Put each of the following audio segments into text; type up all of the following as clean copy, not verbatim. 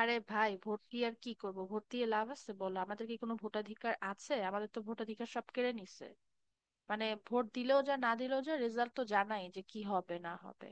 আরে ভাই, ভোট দিয়ে আর কি করব? ভোট দিয়ে লাভ আছে বলো? আমাদের কি কোনো ভোটাধিকার আছে? আমাদের তো ভোটাধিকার সব কেড়ে নিছে। মানে ভোট দিলেও যা না দিলেও যা, রেজাল্ট তো জানাই যে কি হবে না হবে।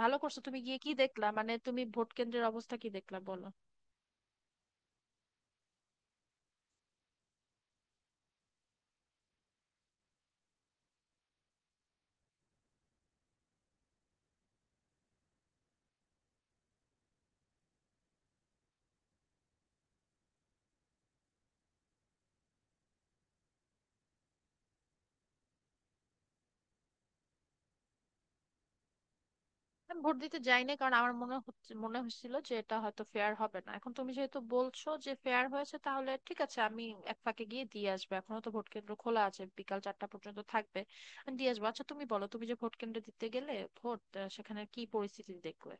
ভালো করছো। তুমি গিয়ে কি দেখলা? মানে তুমি ভোট কেন্দ্রের অবস্থা কি দেখলা, বলো। আমি ভোট দিতে যাই না কারণ আমার মনে হয়েছিল যে এটা হয়তো ফেয়ার হবে না। এখন তুমি যেহেতু বলছো যে ফেয়ার হয়েছে, তাহলে ঠিক আছে, আমি এক ফাঁকে গিয়ে দিয়ে আসবো। এখনো তো ভোট কেন্দ্র খোলা আছে, বিকাল 4টা পর্যন্ত থাকবে। আমি দিয়ে আসবো। আচ্ছা তুমি বলো, তুমি যে ভোট কেন্দ্রে দিতে গেলে ভোট, সেখানে কি পরিস্থিতি দেখলে?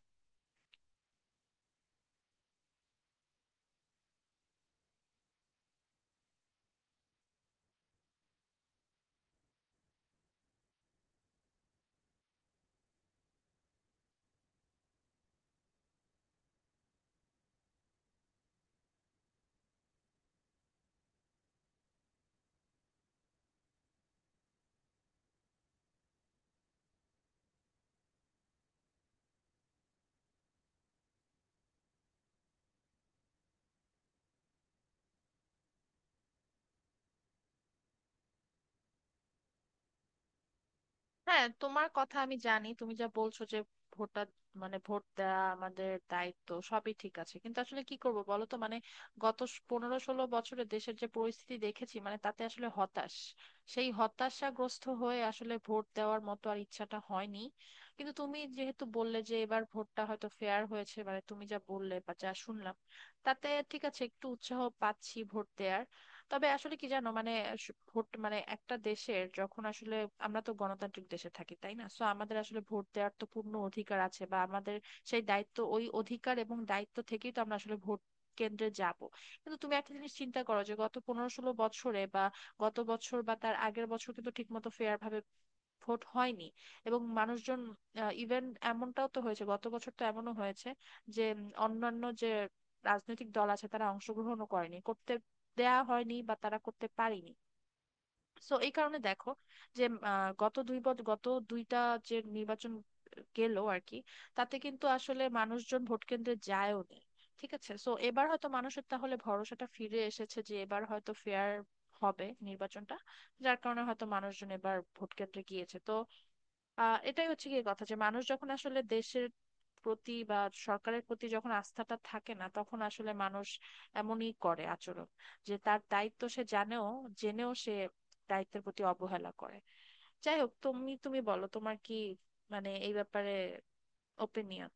হ্যাঁ, তোমার কথা আমি জানি, তুমি যা বলছো যে ভোটার মানে ভোট দেওয়া আমাদের দায়িত্ব, সবই ঠিক আছে। কিন্তু আসলে কি করব বলো তো, মানে গত 15-16 বছরে দেশের যে পরিস্থিতি দেখেছি, মানে তাতে আসলে হতাশ। সেই হতাশাগ্রস্ত হয়ে আসলে ভোট দেওয়ার মতো আর ইচ্ছাটা হয়নি। কিন্তু তুমি যেহেতু বললে যে এবার ভোটটা হয়তো ফেয়ার হয়েছে, মানে তুমি যা বললে বা যা শুনলাম, তাতে ঠিক আছে, একটু উৎসাহ পাচ্ছি ভোট দেওয়ার। তবে আসলে কি জানো, মানে ভোট মানে একটা দেশের যখন আসলে, আমরা তো গণতান্ত্রিক দেশে থাকি, তাই না? সো আমাদের আসলে ভোট দেওয়ার তো পূর্ণ অধিকার আছে, বা আমাদের সেই দায়িত্ব। ওই অধিকার এবং দায়িত্ব থেকেই তো আমরা আসলে ভোট কেন্দ্রে যাব। কিন্তু তুমি একটা জিনিস চিন্তা করো, যে গত 15-16 বছরে বা গত বছর বা তার আগের বছর কিন্তু ঠিকমতো ফেয়ার ভাবে ভোট হয়নি। এবং মানুষজন, ইভেন এমনটাও তো হয়েছে গত বছর, তো এমনও হয়েছে যে অন্যান্য যে রাজনৈতিক দল আছে তারা অংশগ্রহণও করেনি, করতে দেয়া হয়নি বা তারা করতে পারেনি। সো এই কারণে দেখো যে গত 2 বছর, গত 2টা যে নির্বাচন গেল আর কি, তাতে কিন্তু আসলে মানুষজন ভোট কেন্দ্রে যায়ও না। ঠিক আছে, সো এবার হয়তো মানুষের তাহলে ভরসাটা ফিরে এসেছে যে এবার হয়তো ফেয়ার হবে নির্বাচনটা, যার কারণে হয়তো মানুষজন এবার ভোট কেন্দ্রে গিয়েছে। তো এটাই হচ্ছে কি কথা, যে মানুষ যখন আসলে দেশের প্রতি বা সরকারের প্রতি যখন আস্থাটা থাকে না, তখন আসলে মানুষ এমনই করে আচরণ, যে তার দায়িত্ব সে জানেও, জেনেও সে দায়িত্বের প্রতি অবহেলা করে। যাই হোক, তুমি তুমি বলো তোমার কি মানে এই ব্যাপারে ওপিনিয়ন।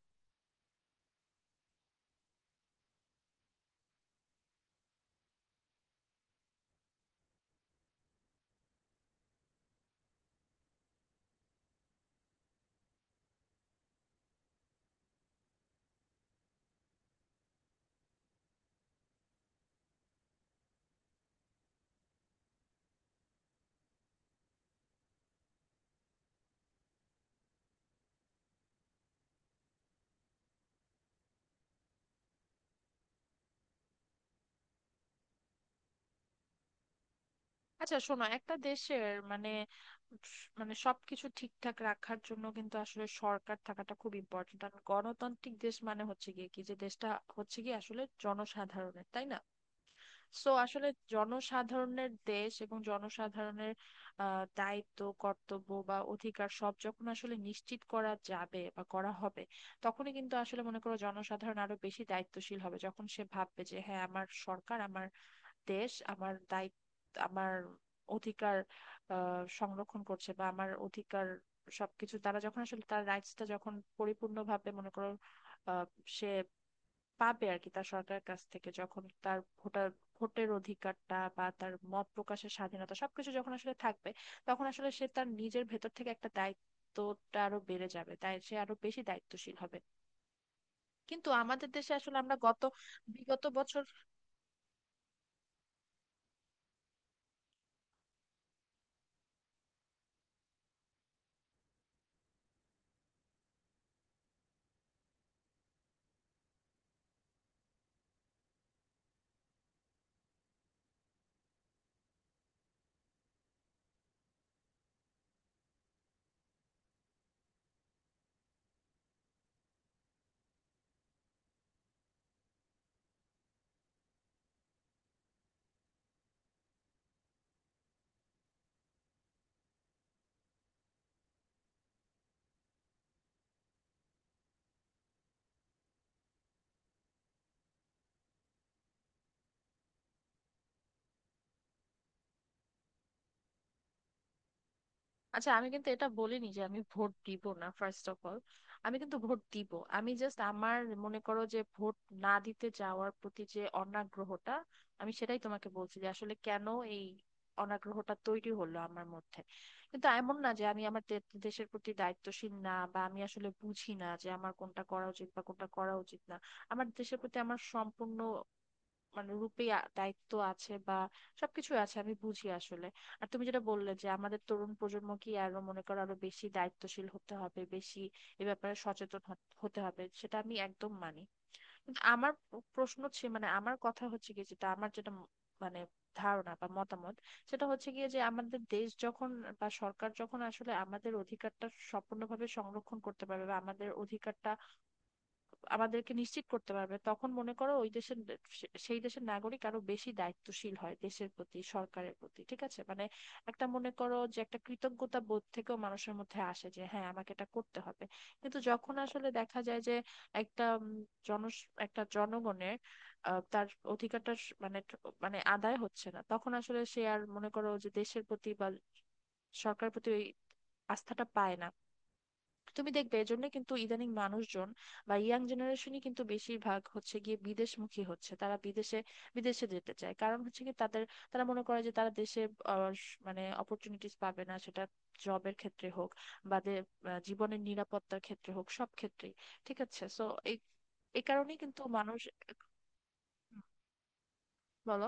আচ্ছা শোনো, একটা দেশের মানে, সবকিছু ঠিকঠাক রাখার জন্য কিন্তু আসলে সরকার থাকাটা খুব ইম্পর্ট্যান্ট। আর গণতান্ত্রিক দেশ মানে হচ্ছে গিয়ে কি, যে দেশটা হচ্ছে কি আসলে জনসাধারণের, তাই না? সো আসলে জনসাধারণের দেশ এবং জনসাধারণের দায়িত্ব কর্তব্য বা অধিকার সব যখন আসলে নিশ্চিত করা যাবে বা করা হবে, তখনই কিন্তু আসলে মনে করো জনসাধারণ আরো বেশি দায়িত্বশীল হবে। যখন সে ভাববে যে হ্যাঁ, আমার সরকার, আমার দেশ, আমার দায়িত্ব, আমার অধিকার সংরক্ষণ করছে, বা আমার অধিকার সবকিছু তারা যখন আসলে, তার রাইটসটা যখন পরিপূর্ণভাবে মনে করো আহ সে পাবে আর কি তার সরকারের কাছ থেকে, যখন তার ভোটার ভোটের অধিকারটা বা তার মত প্রকাশের স্বাধীনতা সবকিছু যখন আসলে থাকবে, তখন আসলে সে তার নিজের ভেতর থেকে একটা, দায়িত্বটা আরো বেড়ে যাবে, তাই সে আরো বেশি দায়িত্বশীল হবে। কিন্তু আমাদের দেশে আসলে আমরা বিগত বছর। আচ্ছা আমি কিন্তু এটা বলিনি যে আমি ভোট দিব না। ফার্স্ট অফ অল, আমি কিন্তু ভোট দিব। আমি জাস্ট আমার মনে করো যে ভোট না দিতে যাওয়ার প্রতি যে অনাগ্রহটা, আমি সেটাই তোমাকে বলছি যে আসলে কেন এই অনাগ্রহটা তৈরি হলো আমার মধ্যে। কিন্তু এমন না যে আমি আমার দেশের প্রতি দায়িত্বশীল না, বা আমি আসলে বুঝি না যে আমার কোনটা করা উচিত বা কোনটা করা উচিত না। আমার দেশের প্রতি আমার সম্পূর্ণ মানে রূপে দায়িত্ব আছে বা সবকিছু আছে, আমি বুঝি আসলে। আর তুমি যেটা বললে যে আমাদের তরুণ প্রজন্মকে আরো মনে করো আরো বেশি দায়িত্বশীল হতে হবে, বেশি এ ব্যাপারে সচেতন হতে হবে, সেটা আমি একদম মানি। কিন্তু আমার প্রশ্ন হচ্ছে, মানে আমার কথা হচ্ছে কি, যেটা আমার যেটা মানে ধারণা বা মতামত, সেটা হচ্ছে গিয়ে, যে আমাদের দেশ যখন বা সরকার যখন আসলে আমাদের অধিকারটা সম্পূর্ণভাবে সংরক্ষণ করতে পারবে বা আমাদের অধিকারটা আমাদেরকে নিশ্চিত করতে পারবে, তখন মনে করো ওই দেশের সেই দেশের নাগরিক আরো বেশি দায়িত্বশীল হয় দেশের প্রতি, সরকারের প্রতি। ঠিক আছে, মানে একটা মনে করো যে একটা কৃতজ্ঞতা বোধ থেকেও মানুষের মধ্যে আসে যে হ্যাঁ, আমাকে এটা করতে হবে। কিন্তু যখন আসলে দেখা যায় যে একটা জন একটা জনগণের তার অধিকারটা মানে মানে আদায় হচ্ছে না, তখন আসলে সে আর মনে করো যে দেশের প্রতি বা সরকারের প্রতি ওই আস্থাটা পায় না। তুমি দেখবে এর জন্য কিন্তু ইদানিং মানুষজন বা ইয়াং জেনারেশনই কিন্তু বেশিরভাগ হচ্ছে গিয়ে বিদেশমুখী হচ্ছে, তারা বিদেশে বিদেশে যেতে চায়। কারণ হচ্ছে কি, তাদের তারা মনে করে যে তারা দেশে মানে অপরচুনিটিস পাবে না, সেটা জবের ক্ষেত্রে হোক বা জীবনের নিরাপত্তার ক্ষেত্রে হোক, সব ক্ষেত্রেই। ঠিক আছে, সো এই এই কারণেই কিন্তু মানুষ। বলো।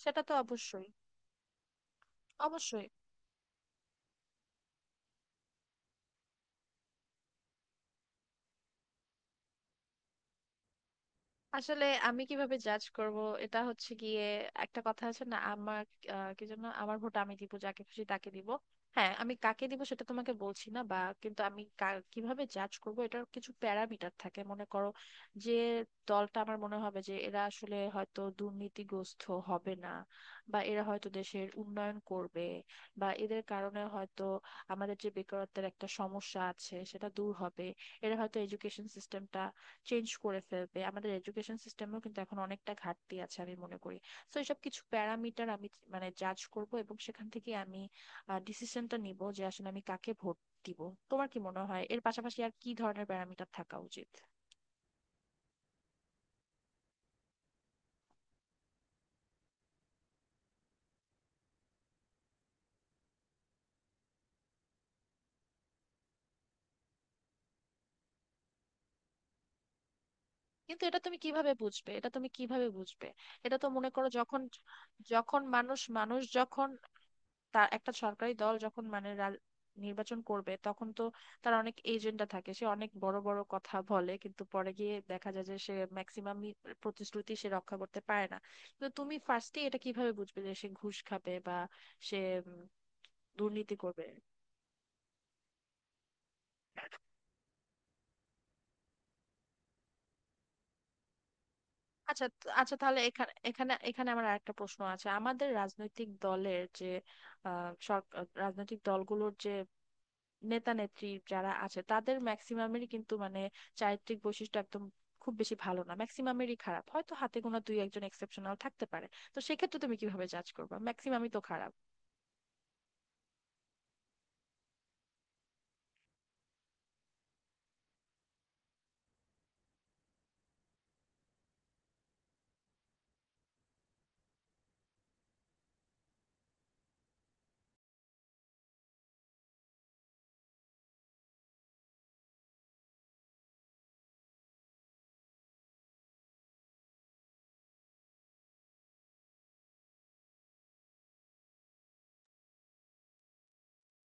সেটা তো অবশ্যই। অবশ্যই। আসলে আমি কিভাবে জাজ করব, এটা হচ্ছে গিয়ে, একটা কথা আছে না আমার কি যেন, আমার ভোট আমি দিব যাকে খুশি তাকে দিব। হ্যাঁ আমি কাকে দিব সেটা তোমাকে বলছি না, বা কিন্তু আমি কিভাবে জাজ করব, এটার কিছু প্যারামিটার থাকে মনে করো। যে দলটা আমার মনে হবে যে এরা আসলে হয়তো দুর্নীতিগ্রস্ত হবে না, বা এরা হয়তো দেশের উন্নয়ন করবে, বা এদের কারণে হয়তো আমাদের যে বেকারত্বের একটা সমস্যা আছে সেটা দূর হবে, এরা হয়তো এডুকেশন সিস্টেমটা চেঞ্জ করে ফেলবে। আমাদের এডুকেশন সিস্টেমেও কিন্তু এখন অনেকটা ঘাটতি আছে আমি মনে করি। তো এসব কিছু প্যারামিটার আমি মানে জাজ করব, এবং সেখান থেকে আমি ডিসিশনটা নিব যে আসলে আমি কাকে ভোট দিব। তোমার কি মনে হয় এর পাশাপাশি আর কি ধরনের প্যারামিটার থাকা উচিত? কিন্তু এটা তুমি কিভাবে বুঝবে? এটা তুমি কিভাবে বুঝবে? এটা তো মনে করো, যখন যখন মানুষ মানুষ যখন তার একটা সরকারি দল যখন মানে নির্বাচন করবে, তখন তো তার অনেক এজেন্ডা থাকে, সে অনেক বড় বড় কথা বলে, কিন্তু পরে গিয়ে দেখা যায় যে সে ম্যাক্সিমামই প্রতিশ্রুতি সে রক্ষা করতে পারে না। তো তুমি ফার্স্টে এটা কিভাবে বুঝবে যে সে ঘুষ খাবে বা সে উম, দুর্নীতি করবে? আচ্ছা আচ্ছা তাহলে এখানে এখানে এখানে আমার আরেকটা প্রশ্ন আছে। আমাদের রাজনৈতিক দলের যে সরকার, রাজনৈতিক দলগুলোর যে নেতা নেত্রী যারা আছে, তাদের ম্যাক্সিমামেরই কিন্তু মানে চারিত্রিক বৈশিষ্ট্য একদম খুব বেশি ভালো না, ম্যাক্সিমামেরই খারাপ। হয়তো হাতে গোনা দুই একজন এক্সেপশনাল থাকতে পারে। তো সেক্ষেত্রে তুমি কিভাবে জাজ করবে? ম্যাক্সিমামই তো খারাপ।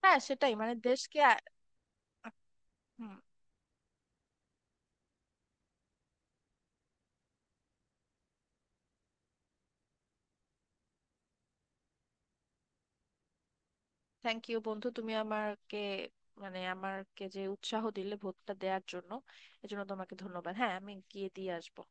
হ্যাঁ সেটাই, মানে দেশকে আ- হুম। থ্যাংক ইউ বন্ধু, তুমি আমাকে মানে আমাকে যে উৎসাহ দিলে ভোটটা দেওয়ার জন্য, এজন্য তোমাকে ধন্যবাদ। হ্যাঁ আমি গিয়ে দিয়ে আসবো।